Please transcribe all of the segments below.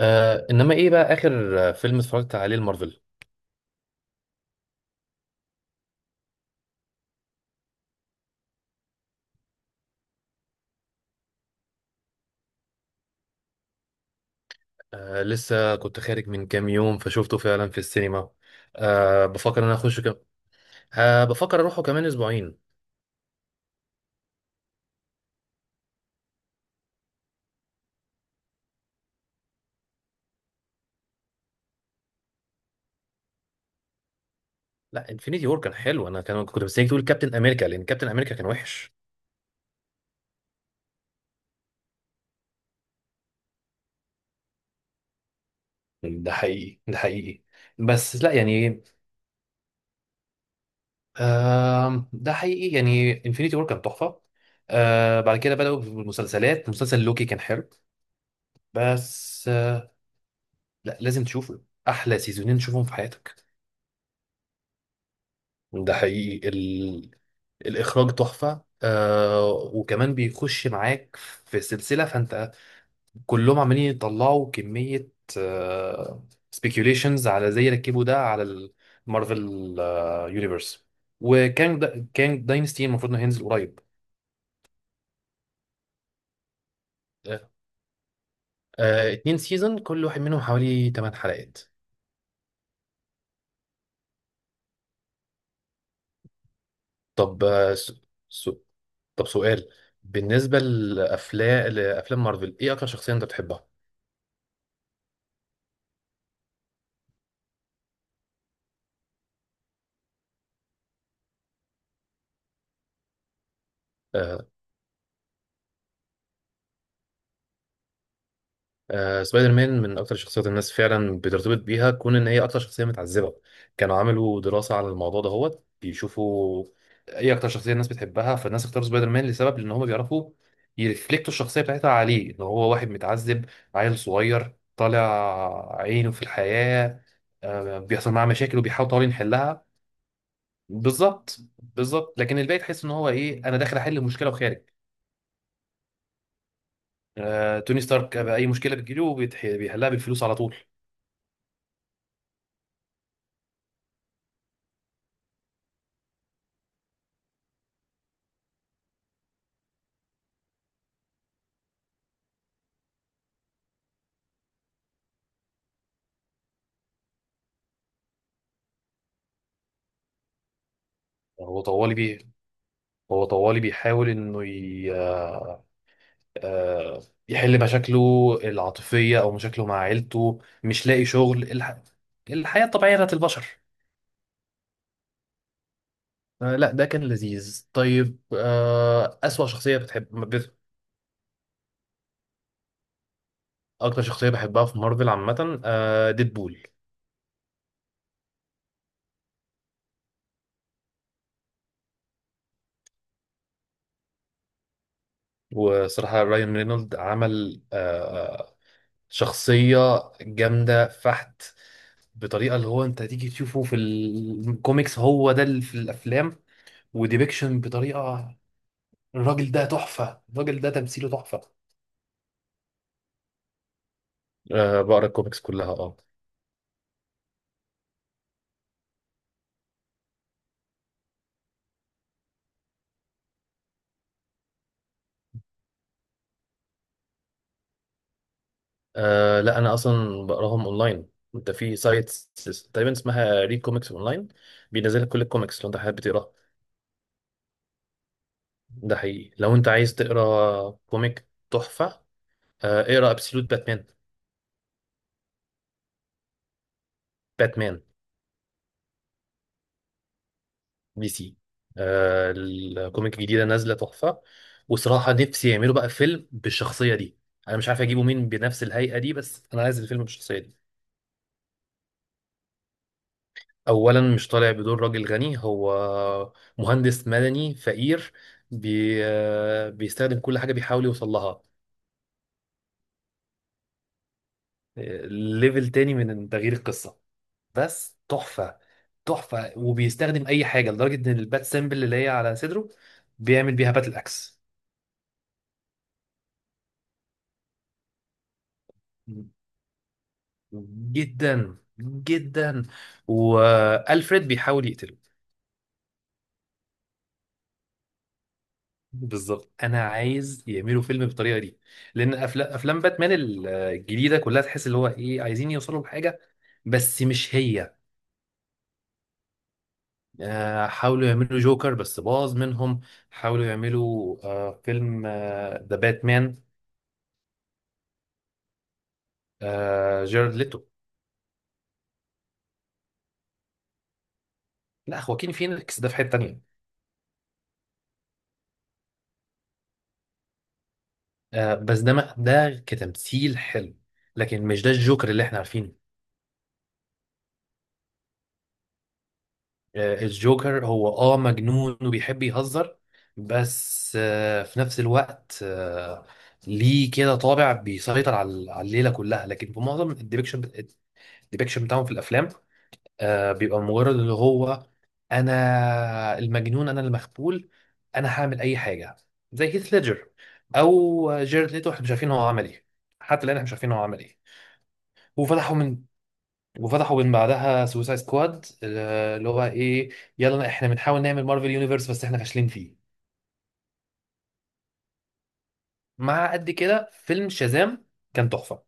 انما ايه بقى اخر فيلم اتفرجت عليه المارفل. لسه كنت خارج من كام يوم فشوفته فعلا في السينما. بفكر ان انا اخشه بفكر اروحه كمان اسبوعين. لا، انفينيتي وور كان حلو، انا كنت مستنيك تقول كابتن امريكا لان كابتن امريكا كان وحش. ده حقيقي، ده حقيقي. بس لا يعني، ده حقيقي، يعني انفينيتي وور كان تحفة. بعد كده بدأوا بالمسلسلات، مسلسل لوكي كان حلو، بس لا لازم تشوفه. احلى سيزونين تشوفهم في حياتك. ده حقيقي. الإخراج تحفة، وكمان بيخش معاك في سلسلة فأنت كلهم عمالين يطلعوا كمية، آه سبيكيوليشنز على زي ركبوا ده على المارفل يونيفرس. وكان دا كان داينستي المفروض إنه هينزل قريب. آه 2 سيزون، كل واحد منهم حوالي 8 حلقات. طب آه سو سو طب سؤال: بالنسبة لأفلام مارفل، إيه أكتر شخصية أنت بتحبها؟ آه، سبايدر مان من اكتر الشخصيات الناس فعلا بترتبط بيها، كون ان هي اكتر شخصيه متعذبه. كانوا عملوا دراسه على الموضوع ده، هو بيشوفوا ايه اكتر شخصيه الناس بتحبها، فالناس اختاروا سبايدر مان لسبب ان هم بيعرفوا يرفلكتوا الشخصيه بتاعتها عليه، ان هو واحد متعذب، عيل صغير طالع عينه في الحياه، بيحصل معاه مشاكل وبيحاول طبعا يحلها. بالظبط بالظبط، لكن الباقي تحس ان هو ايه، انا داخل احل مشكله وخارج. توني ستارك بقى اي مشكله بتجيله بيحلها بالفلوس على طول. هو طوالي بيه هو طوالي بيحاول آه، يحل مشاكله العاطفية او مشاكله مع عيلته، مش لاقي شغل، الحياة الطبيعية بتاعت البشر. لا ده كان لذيذ. طيب، أسوأ شخصية أكتر شخصية بحبها في مارفل عامة، ديدبول. وصراحة رايان رينولد عمل شخصية جامدة فحت، بطريقة اللي هو أنت تيجي تشوفه في الكوميكس هو ده اللي في الأفلام. وديبكشن بطريقة، الراجل ده تحفة، الراجل ده تمثيله تحفة. أه بقرا الكوميكس كلها اه. لا انا اصلا بقراهم اونلاين. انت في سايت تقريبا اسمها ريد كوميكس اونلاين، بينزل لك كل الكوميكس لو انت حابب تقرا. ده حقيقي، لو انت عايز تقرا كوميك تحفه، اقرا ابسولوت باتمان. باتمان دي سي. الكوميك الجديده نازله تحفه، وصراحه نفسي يعملوا بقى فيلم بالشخصيه دي. انا مش عارف اجيبه مين بنفس الهيئه دي، بس انا عايز الفيلم بالشخصيه دي. اولا مش طالع بدور راجل غني، هو مهندس مدني فقير، بي بيستخدم كل حاجه بيحاول يوصل لها. ليفل تاني من تغيير القصه، بس تحفه. تحفه وبيستخدم اي حاجه لدرجه ان البات سيمبل اللي هي على صدره بيعمل بيها باتل اكس. جدا جدا. والفريد بيحاول يقتله. بالظبط، انا عايز يعملوا فيلم بالطريقه دي، لان افلام باتمان الجديده كلها تحس اللي هو ايه، عايزين يوصلوا لحاجه بس مش هي. حاولوا يعملوا جوكر بس باظ منهم. حاولوا يعملوا فيلم ذا باتمان، جيرارد ليتو. لا خواكين فينيكس ده في حته تانيه. بس ده ده كتمثيل حلو لكن مش ده الجوكر اللي احنا عارفينه. الجوكر هو اه مجنون وبيحب يهزر، بس في نفس الوقت ليه كده طابع بيسيطر على الليله كلها، لكن في معظم الديبكشن، الديبكشن بتاعهم في الافلام بيبقى مجرد اللي هو انا المجنون، انا المخبول، انا هعمل اي حاجه، زي هيث ليدجر او جيرد ليتو، احنا مش عارفين هو عمل ايه. حتى الان احنا مش عارفين هو عمل ايه. وفتحوا من وفتحوا من بعدها سوسايد سكواد، اللي هو ايه، يلا احنا بنحاول نعمل مارفل يونيفرس بس احنا فاشلين فيه. مع قد كده فيلم شازام كان تحفة.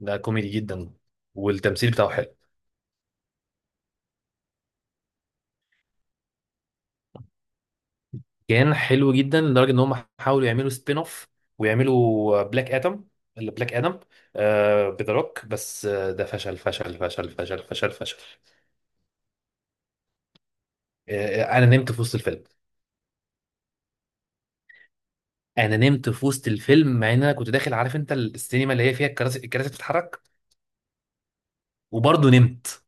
ده كوميدي جدا والتمثيل بتاعه حلو. كان حلو جدا لدرجة ان هم حاولوا يعملوا سبين اوف ويعملوا بلاك ادم. اللي بلاك ادم آه بذا روك بس آه ده فشل فشل فشل فشل فشل فشل. انا نمت في وسط الفيلم. انا نمت في وسط الفيلم مع ان انا كنت داخل، عارف انت السينما اللي هي فيها الكراسي بتتحرك، وبرضه نمت.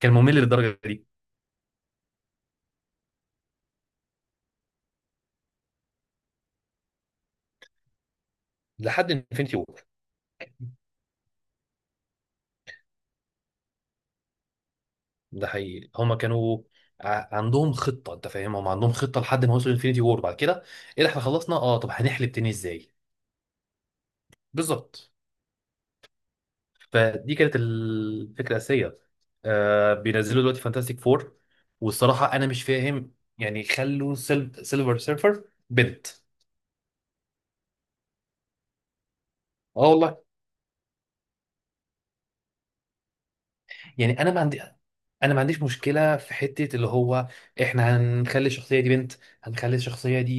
كان ممل للدرجه دي. لحد انفينيتي وور. ده حقيقي، هما كانوا عندهم خطه، انت فاهم، هما عندهم خطه لحد ما وصلوا انفينيتي وور. بعد كده ايه ده، احنا خلصنا اه، طب هنحلب تاني ازاي. بالظبط. فدي كانت الفكره الاساسيه. آه بينزلوا دلوقتي فانتاستيك فور، والصراحه انا مش فاهم يعني خلوا سيلفر سيرفر بنت. اه والله. يعني انا ما عندي انا ما عنديش مشكله في حته اللي هو احنا هنخلي الشخصيه دي بنت، هنخلي الشخصيه دي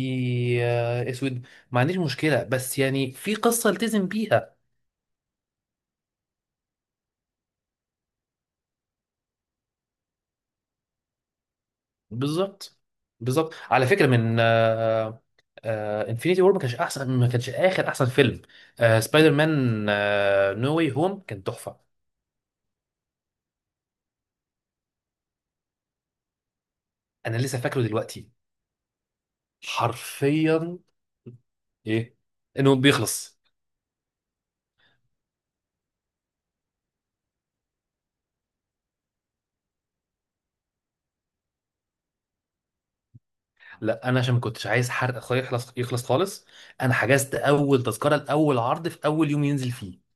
اسود، ما عنديش مشكله، بس يعني في قصه التزم بيها. بالظبط، بالظبط. على فكره، انفينيتي وور ما كانش احسن، ما كانش اخر احسن فيلم. سبايدر مان نو واي هوم كان تحفه. انا لسه فاكره دلوقتي حرفيا. ايه، انه بيخلص. لا انا عشان ما كنتش عايز حرق، يخلص يخلص خالص. انا حجزت اول تذكره لاول عرض في اول يوم ينزل فيه.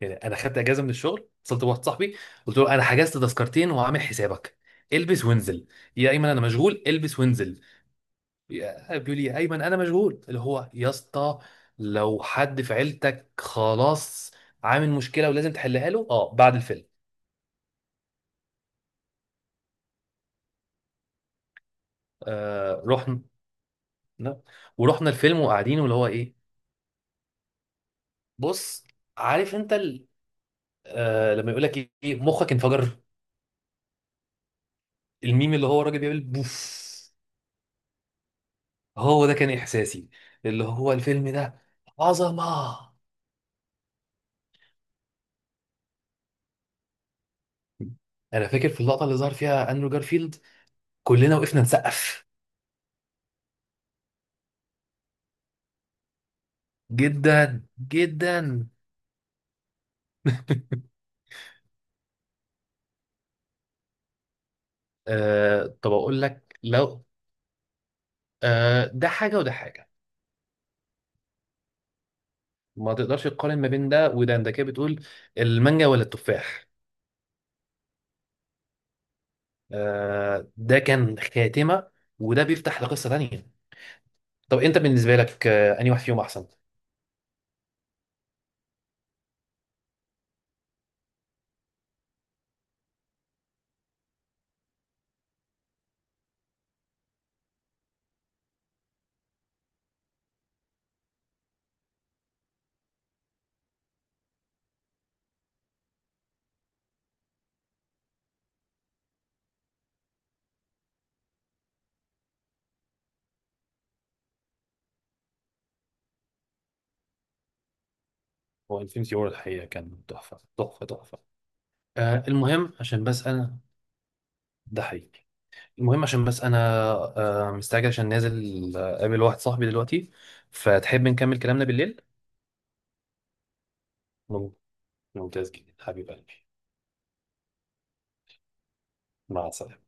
يعني انا خدت اجازه من الشغل، اتصلت بواحد صاحبي قلت له انا حجزت تذكرتين وعامل حسابك، البس وانزل. يا ايمن انا مشغول. البس وانزل. بيقول لي يا ايمن انا مشغول، اللي هو يا اسطى لو حد في عيلتك خلاص عامل مشكله ولازم تحلها له اه بعد الفيلم. آه رحنا، ورحنا الفيلم وقاعدين واللي هو ايه. بص، عارف انت آه لما يقول لك ايه، مخك انفجر، الميم اللي هو الراجل بيعمل بوف، هو ده كان احساسي. اللي هو الفيلم ده عظمه. انا فاكر في اللقطه اللي ظهر فيها اندرو جارفيلد كلنا وقفنا نسقف. جدا جدا. آه طب اقول لك لو آه ده حاجه وده حاجه. ما تقدرش تقارن ما بين ده وده، انت كده بتقول المانجا ولا التفاح. آه ده كان خاتمه وده بيفتح لقصه تانيه. طب انت بالنسبه لك آه انهي واحد فيهم احسن؟ هو الفيلم سيور الحقيقة كان تحفة تحفة تحفة. آه المهم عشان بس أنا ده حقيقي. المهم عشان بس أنا مستعجل عشان نازل، أقابل واحد صاحبي دلوقتي، فتحب نكمل كلامنا بالليل؟ مم- ممتاز جدا حبيب قلبي. مع السلامة.